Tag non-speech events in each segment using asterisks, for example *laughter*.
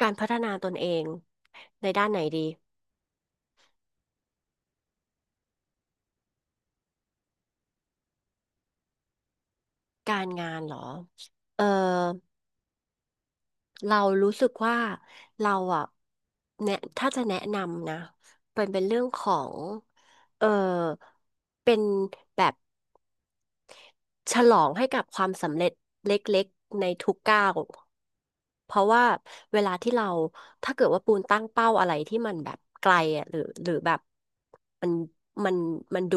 การพัฒนาตนเองในด้านไหนดี การงานเหรอ เออ เรารู้สึกว่าเราอ่ะแนะถ้าจะแนะนำนะเป็นเรื่องของ เออ เป็นแบบ ฉลองให้กับความสำเร็จเล็กๆในทุกก้าวเพราะว่าเวลาที่เราถ้าเกิดว่าปูนตั้งเป้าอะไรที่มันแบบไกลอ่ะหรือแบบมันมันมันดู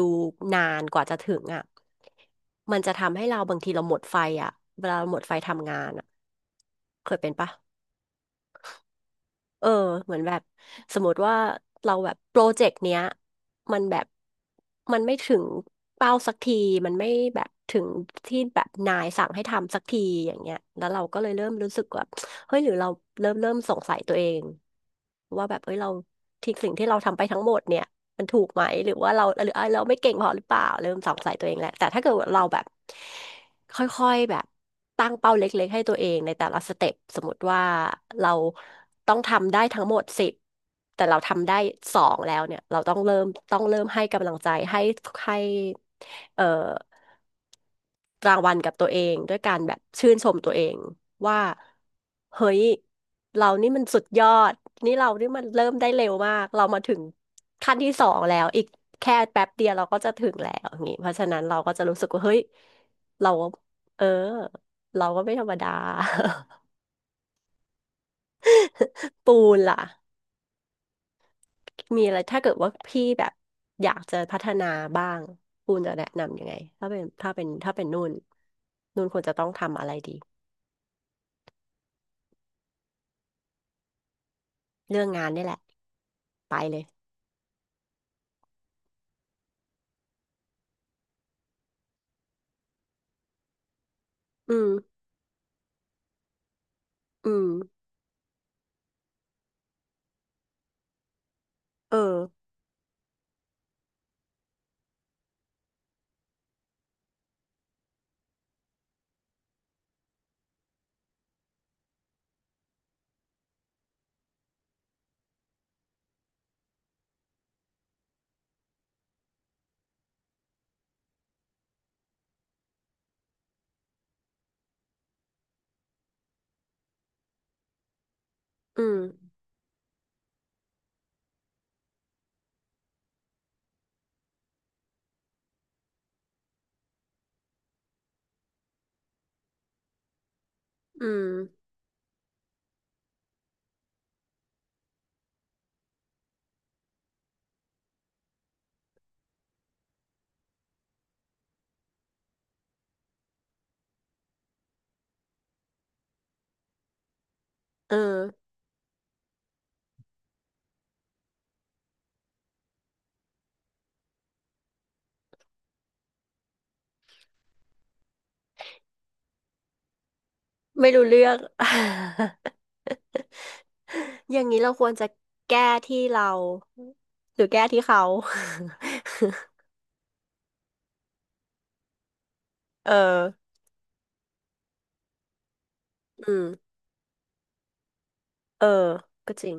นานกว่าจะถึงอ่ะมันจะทำให้เราบางทีเราหมดไฟอ่ะเวลาเราหมดไฟทำงานอ่ะเคยเป็นปะ เออเหมือนแบบสมมติว่าเราแบบโปรเจกต์เนี้ยมันแบบมันไม่ถึงเป้าสักทีมันไม่แบบถึงที่แบบนายสั่งให้ทำสักทีอย่างเงี้ยแล้วเราก็เลยเริ่มรู้สึกว่าเฮ้ยหรือเราเริ่มสงสัยตัวเองว่าแบบเอ้ยเราที่สิ่งที่เราทำไปทั้งหมดเนี่ยมันถูกไหมหรือว่าเราหรือเอ้ยเราไม่เก่งพอหรือเปล่าเริ่มสงสัยตัวเองแหละแต่ถ้าเกิดว่าเราแบบ ค่อยๆ แบบตั้งเป้าเล็กๆ ให้ตัวเองในแต่ละสเต็ปสมมติว่าเราต้องทำได้ทั้งหมดสิบแต่เราทำได้สองแล้วเนี่ย เราต้องเริ่มต้องเริ่มให้กำลังใจให้เอ่อ รางวัลกับตัวเองด้วยการแบบชื่นชมตัวเองว่าเฮ้ยเรานี่มันสุดยอดนี่เรานี่มันเริ่มได้เร็วมากเรามาถึงขั้นที่สองแล้วอีกแค่แป๊บเดียวเราก็จะถึงแล้วอย่างงี้เพราะฉะนั้นเราก็จะรู้สึกว่าเฮ้ยเราเออเราก็ไม่ธรรมดา *laughs* ปูนล่ะมีอะไรถ้าเกิดว่าพี่แบบอยากจะพัฒนาบ้างปูนจะแนะนำยังไงถ้าเป็นนุ่นนุ่นควรจะต้องทำอะไรดีเรื่องงานนี่แหละไปเลย อืม อืมเอออืมอืมเออไม่รู้เรื่อง *laughs* อย่างนี้เราควรจะแก้ที่เราหรือแก้ที่เขา *laughs* เอออืมเออก็จริง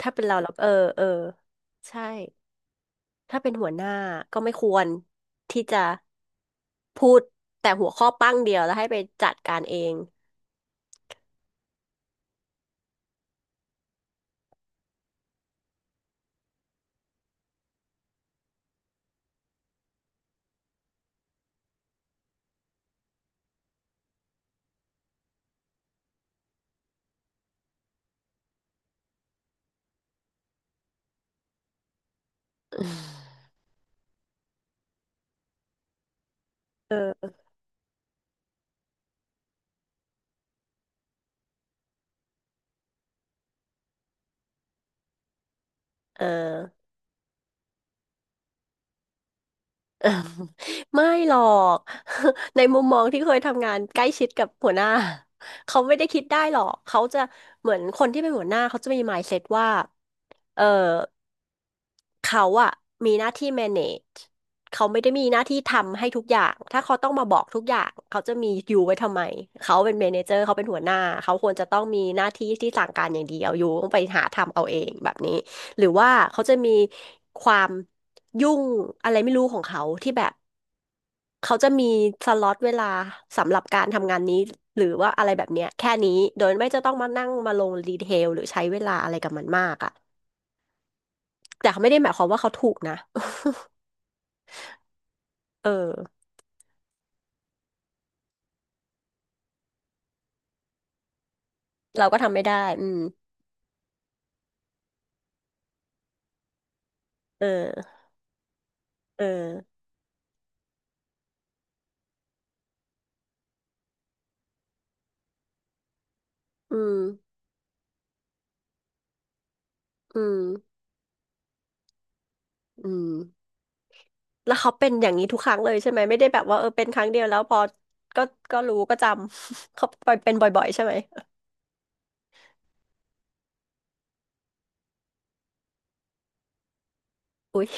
ถ้าเป็นเราเราก็เออ เออ ใช่ ถ้าเป็นหัวหน้าก็ไม่ควรที่จะพูดแต่หัวข้อปั้งเดียวแล้วให้ไปจัดการเองเออเออ เออไม่หรอก *laughs* ในมุมมองที่เคยทำงานใกล้ชิดกับหัวหน้า *laughs* เขาไม่ได้คิดได้หรอกเขาจะเหมือนคนที่เป็นหัวหน้าเขาจะมี mindset ว่าเออเขาอะมีหน้าที่ manage เขาไม่ได้มีหน้าที่ทำให้ทุกอย่างถ้าเขาต้องมาบอกทุกอย่างเขาจะมีอยู่ไว้ทำไมเขาเป็น manager เขาเป็นหัวหน้าเขาควรจะต้องมีหน้าที่ที่สั่งการอย่างเดียวอยู่ต้องไปหาทำเอาเองแบบนี้หรือว่าเขาจะมีความยุ่งอะไรไม่รู้ของเขาที่แบบ เขาจะมีสล็อตเวลาสำหรับการทำงานนี้หรือว่าอะไรแบบเนี้ยแค่นี้โดยไม่จะต้องมานั่งมาลงดีเทลหรือใช้เวลาอะไรกับมันมากอ่ะแต่เขาไม่ได้หมายความว่าเขาถูกนะ *laughs* เออเราก็ทำไม่ได้อืมเออเอออืมอืมอืมแล้วเขาเป็นอย่างนี้ทุกครั้งเลยใช่ไหมไม่ได้แบบว่าเออเป็นครั้งเดียวแล้วพอก็ก็รู้ก็จำ *laughs* เขาเป็นบ่อยๆใช่ไหมอุ๊ย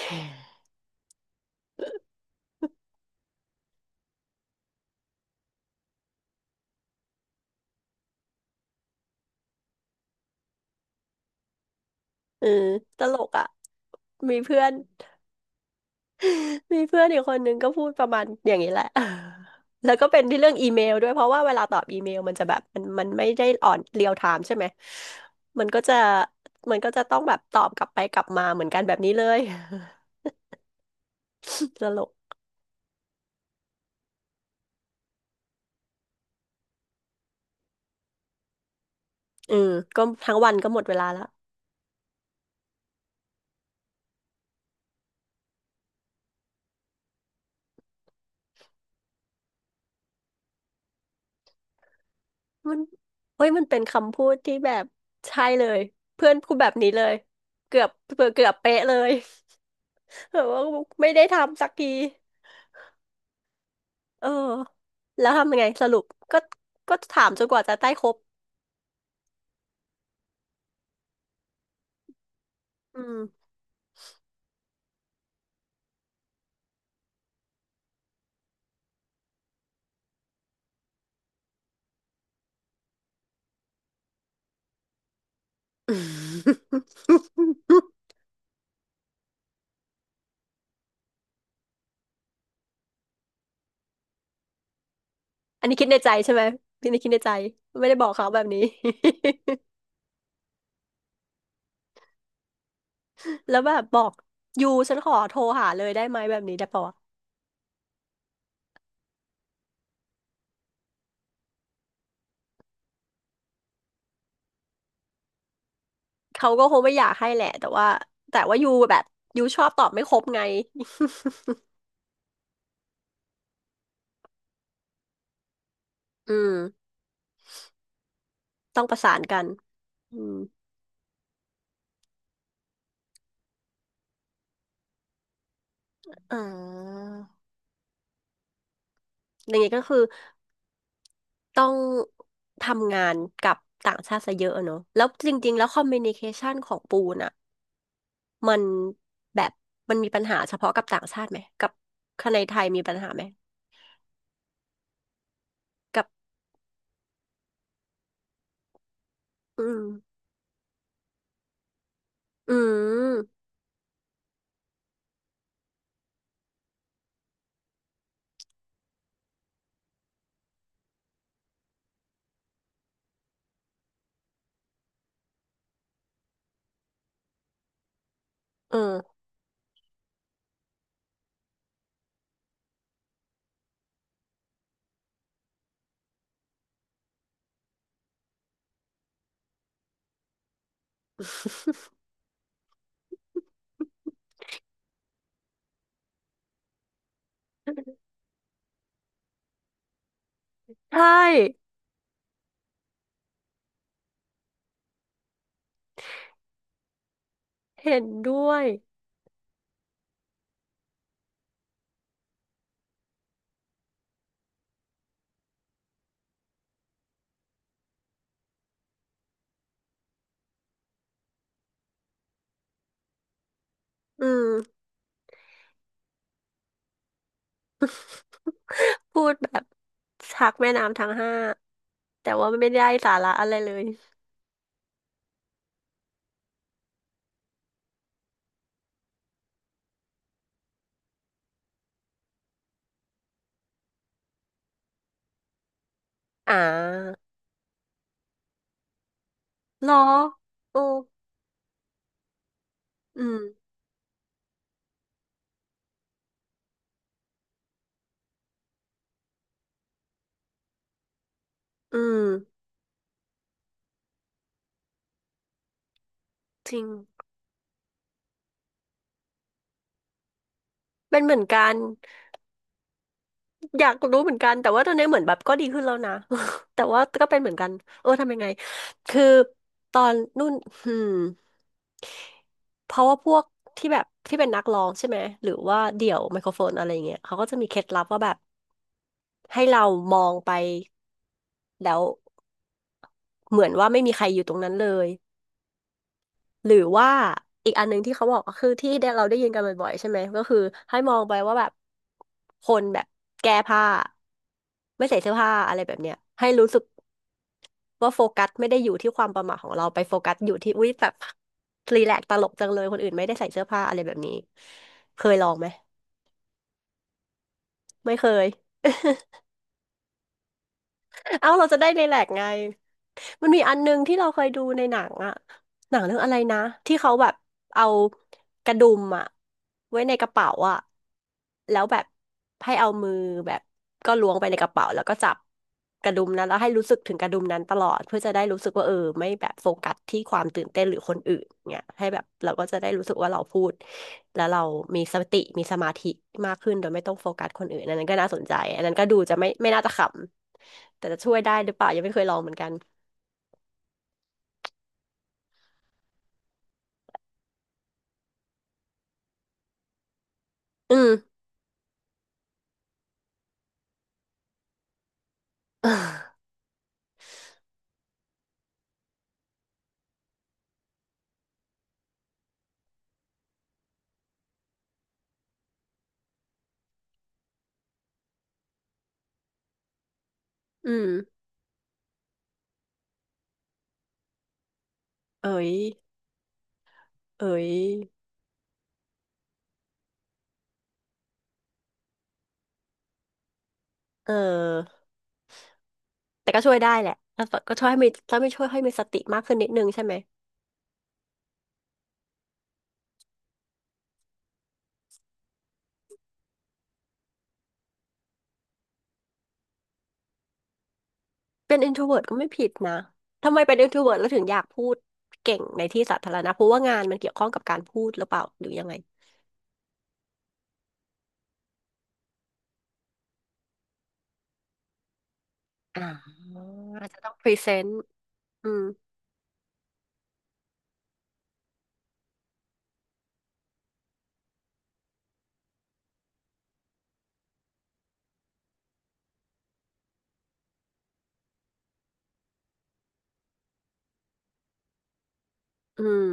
เออตลกอ่ะมีเพื่อน มีเพื่อนอีกคนนึงก็พูดประมาณอย่างนี้แหละ *laughs* แล้วก็เป็นที่เรื่องอีเมลด้วยเพราะว่าเวลาตอบอีเมลมันจะแบบมันไม่ได้ออนเรียลไทม์ใช่ไหมมันก็จะมันก็จะต้องแบบตอบกลับไปกลับมาเหมือนกันแบบนี้เลย *laughs* ตลกเออก็ทั้งวันก็หมดเวลาแล้วมันเฮ้ยมันเป็นคำพูดที่แบบใช่เลยเพื่อนพูดแบบนี้เลยเกือบเกือบเป๊ะเลย *laughs* แบบว่าไม่ได้ทำสักทีเออแล้วทำยังไงสรุปก็ก็ถามจนกว่าจะได้ครบ อืม *laughs* อันนี้คิดในใจใช่ไหมพี่นี่คิดในใจไม่ได้บอกเขาแบบนี้ *laughs* แล้วแบบบอกยูฉันขอโทรหาเลยได้ไหมแบบนี้ได้ปะวะเขาก็คงไม่อยากให้แหละแต่ว่ายูแบบยูชอบตอบไม่ครบไง *laughs* อืมต้องประสานกันอืมอ่าอย่างนี้ก็คือต้องทำงานกับต่างชาติซะเยอะอะเนอะแล้วจริงๆแล้วคอมมิวนิเคชันของปูนอะ มันแบบมันมีปัญหาเฉพาะกับต่างชาติไหมกับคนในไทยมีปัญหาไหมกับอืมอืมเออใช่เห็นด้วยอืม *laughs* พูดแบบชักแม่น้ำทั้งห้าแต่ว่าไม่ได้สาระอะไรเลยอ่าหรอโอ้อืมอืมจริงเป็นเหมือนกัน อยากรู้เหมือนกันแต่ว่าตอนนี้เหมือนแบบก็ดีขึ้นแล้วนะ *laughs* แต่ว่าก็เป็นเหมือนกันเออทำยังไงคือตอนนู่นอืมเพราะว่าพวกที่แบบที่เป็นนักร้องใช่ไหมหรือว่าเดี่ยวไมโครโฟนอะไรอย่างเงี้ยเขาก็จะมีเคล็ดลับว่าแบบให้เรามองไปแล้วเหมือนว่าไม่มีใครอยู่ตรงนั้นเลยหรือว่าอีกอันหนึงที่เขาบอกก็คือที่เราได้ยินกันบ่อยๆใช่ไหมก็คือให้มองไปว่าแบบคนแบบแก้ผ้าไม่ใส่เสื้อผ้าอะไรแบบเนี้ยให้รู้สึก ว่าโฟกัสไม่ได้อยู่ที่ความประหม่าของเราไปโฟกัสอยู่ที่อุ้ยแบบรีแลกซ์ตลกจังเลยคนอื่นไม่ได้ใส่เสื้อผ้าอะไรแบบนี้เคยลองไหมไม่เคย *laughs* เอ้าเราจะได้รีแลกซ์ไง มันมีอันนึงที่เราเคยดูในหนังอะหนังเรื่องอะไรนะที่เขาแบบเอากระดุมอะไว้ในกระเป๋าอะแล้วแบบให้เอามือแบบก็ล้วงไปในกระเป๋าแล้วก็จับกระดุมนั้นแล้วให้รู้สึกถึงกระดุมนั้นตลอดเพื่อจะได้รู้สึกว่าเออไม่แบบโฟกัสที่ความตื่นเต้นหรือคนอื่นเนี่ยให้แบบเราก็จะได้รู้สึกว่าเราพูดแล้วเรามีสติมีสมาธิมากขึ้นโดยไม่ต้องโฟกัสคนอื่นอันนั้นก็น่าสนใจอันนั้นก็ดูจะไม่น่าจะขำแต่จะช่วยได้หรือเปล่ายังไม่เคยลองเหมือนกัน อืม *laughs* เอออืมเอ๋ยเอ๋ยเออแต่ก็ช่วยได้แหละแล้วก็ช่วยให้มีถ้าไม่ช่วยให้มีสติมากขึ้นนิดนึงใช่ไหม เป็น introvert ก็ไม่ผิดนะ ทำไมเป็น introvert แล้วถึงอยากพูดเก่งในที่สาธารณะเพราะว่างานมันเกี่ยวข้องกับการพูดหรือเปล่าหรือยังไงอ่าอาจจะต้องพรีเซนต์อืม อืม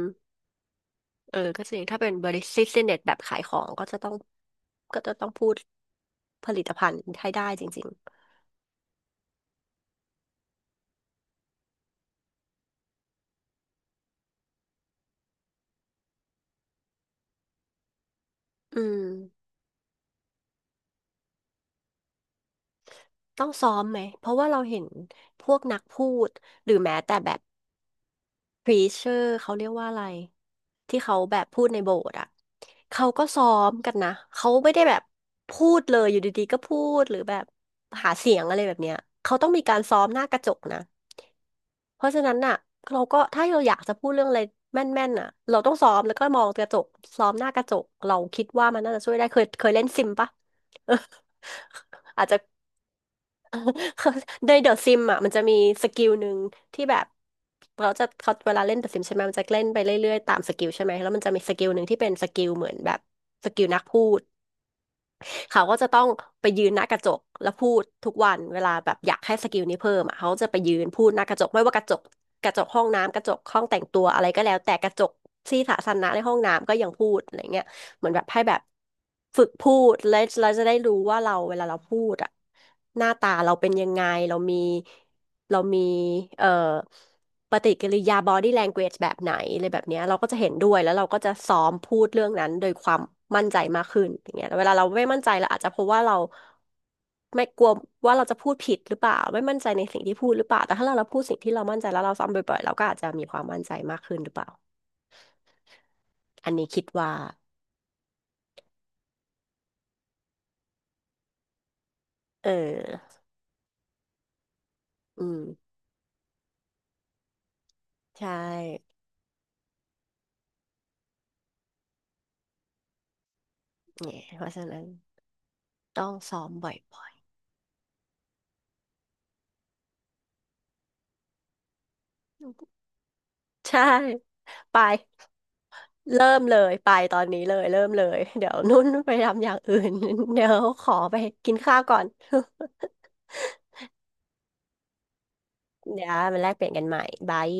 เออก็จริงถ้าเป็นบริษัทเน็ตแบบขายของก็จะต้องพูดผลิตภัณฑ์ให้ได้จริงๆอืม ต้องซ้อมไหม เพราะว่าเราเห็นพวกนักพูดหรือแม้แต่แบบพรีเชอร์เขาเรียกว่าอะไรที่เขาแบบพูดในโบสถ์อ่ะเขาก็ซ้อมกันนะเขาไม่ได้แบบพูดเลยอยู่ดีๆก็พูดหรือแบบหาเสียงอะไรแบบเนี้ยเขาต้องมีการซ้อมหน้ากระจกนะเพราะฉะนั้นน่ะเราก็ถ้าเราอยากจะพูดเรื่องอะไรแม่นๆน่ะเราต้องซ้อมแล้วก็มองกระจกซ้อมหน้ากระจกเราคิดว่ามันน่าจะช่วยได้เคยเล่นซิมปะเออ *laughs* อาจจะ *laughs* เขาในเดอะซิมอ่ะมันจะมีสกิลหนึ่งที่แบบเขาเวลาเล่นเดอะซิมใช่ไหมมันจะเล่นไปเรื่อยๆตามสกิลใช่ไหมแล้วมันจะมีสกิลหนึ่งที่เป็นสกิลเหมือนแบบสกิลนักพูด เขาก็จะต้องไปยืนหน้ากระจกแล้วพูดทุกวันเวลาแบบอยากให้สกิลนี้เพิ่มอ่ะเขาจะไปยืนพูดหน้ากระจกไม่ว่ากระจกกระจกห้องน้ำกระจกห้องแต่งตัวอะไรก็แล้วแต่กระจกที่สาธารณะในห้องน้ำก็ยังพูดอะไรเงี้ยเหมือนแบบให้แบบฝึกพูดแลวเราจะได้รู้ว่าเราเวลาเราพูดอ่ะหน้าตาเราเป็นยังไงเรามีเรามีเอ่อ ปฏิกิริยา body language แบบไหนอะไรแบบเนี้ยเราก็จะเห็นด้วยแล้วเราก็จะซ้อมพูดเรื่องนั้นโดยความมั่นใจมากขึ้นอย่างเงี้ยเวลาเราไม่มั่นใจเราอาจจะเพราะว่าเราไม่กลัวว่าเราจะพูดผิดหรือเปล่าไม่มั่นใจในสิ่งที่พูดหรือเปล่าแต่ถ้าเราพูดสิ่งที่เรามั่นใจแล้วเราซ้ำบ่อยๆเราก็อาจจะมีความมั่นใจมากขึ้นหรือเปล่าอันนี้คิดว่าเอออืมใช่เนี่ยเพราะฉะนั้นต้องซ้อมบ่อยๆใช่ไป เริ่มเลยไปตอนนี้เลยเริ่มเลยเดี๋ยวนุ่นไปทำอย่างอื่น *laughs* เดี๋ยวขอไปกินข้าวก่อน *laughs* เดี๋ยวมาแลกเปลี่ยนกันใหม่บาย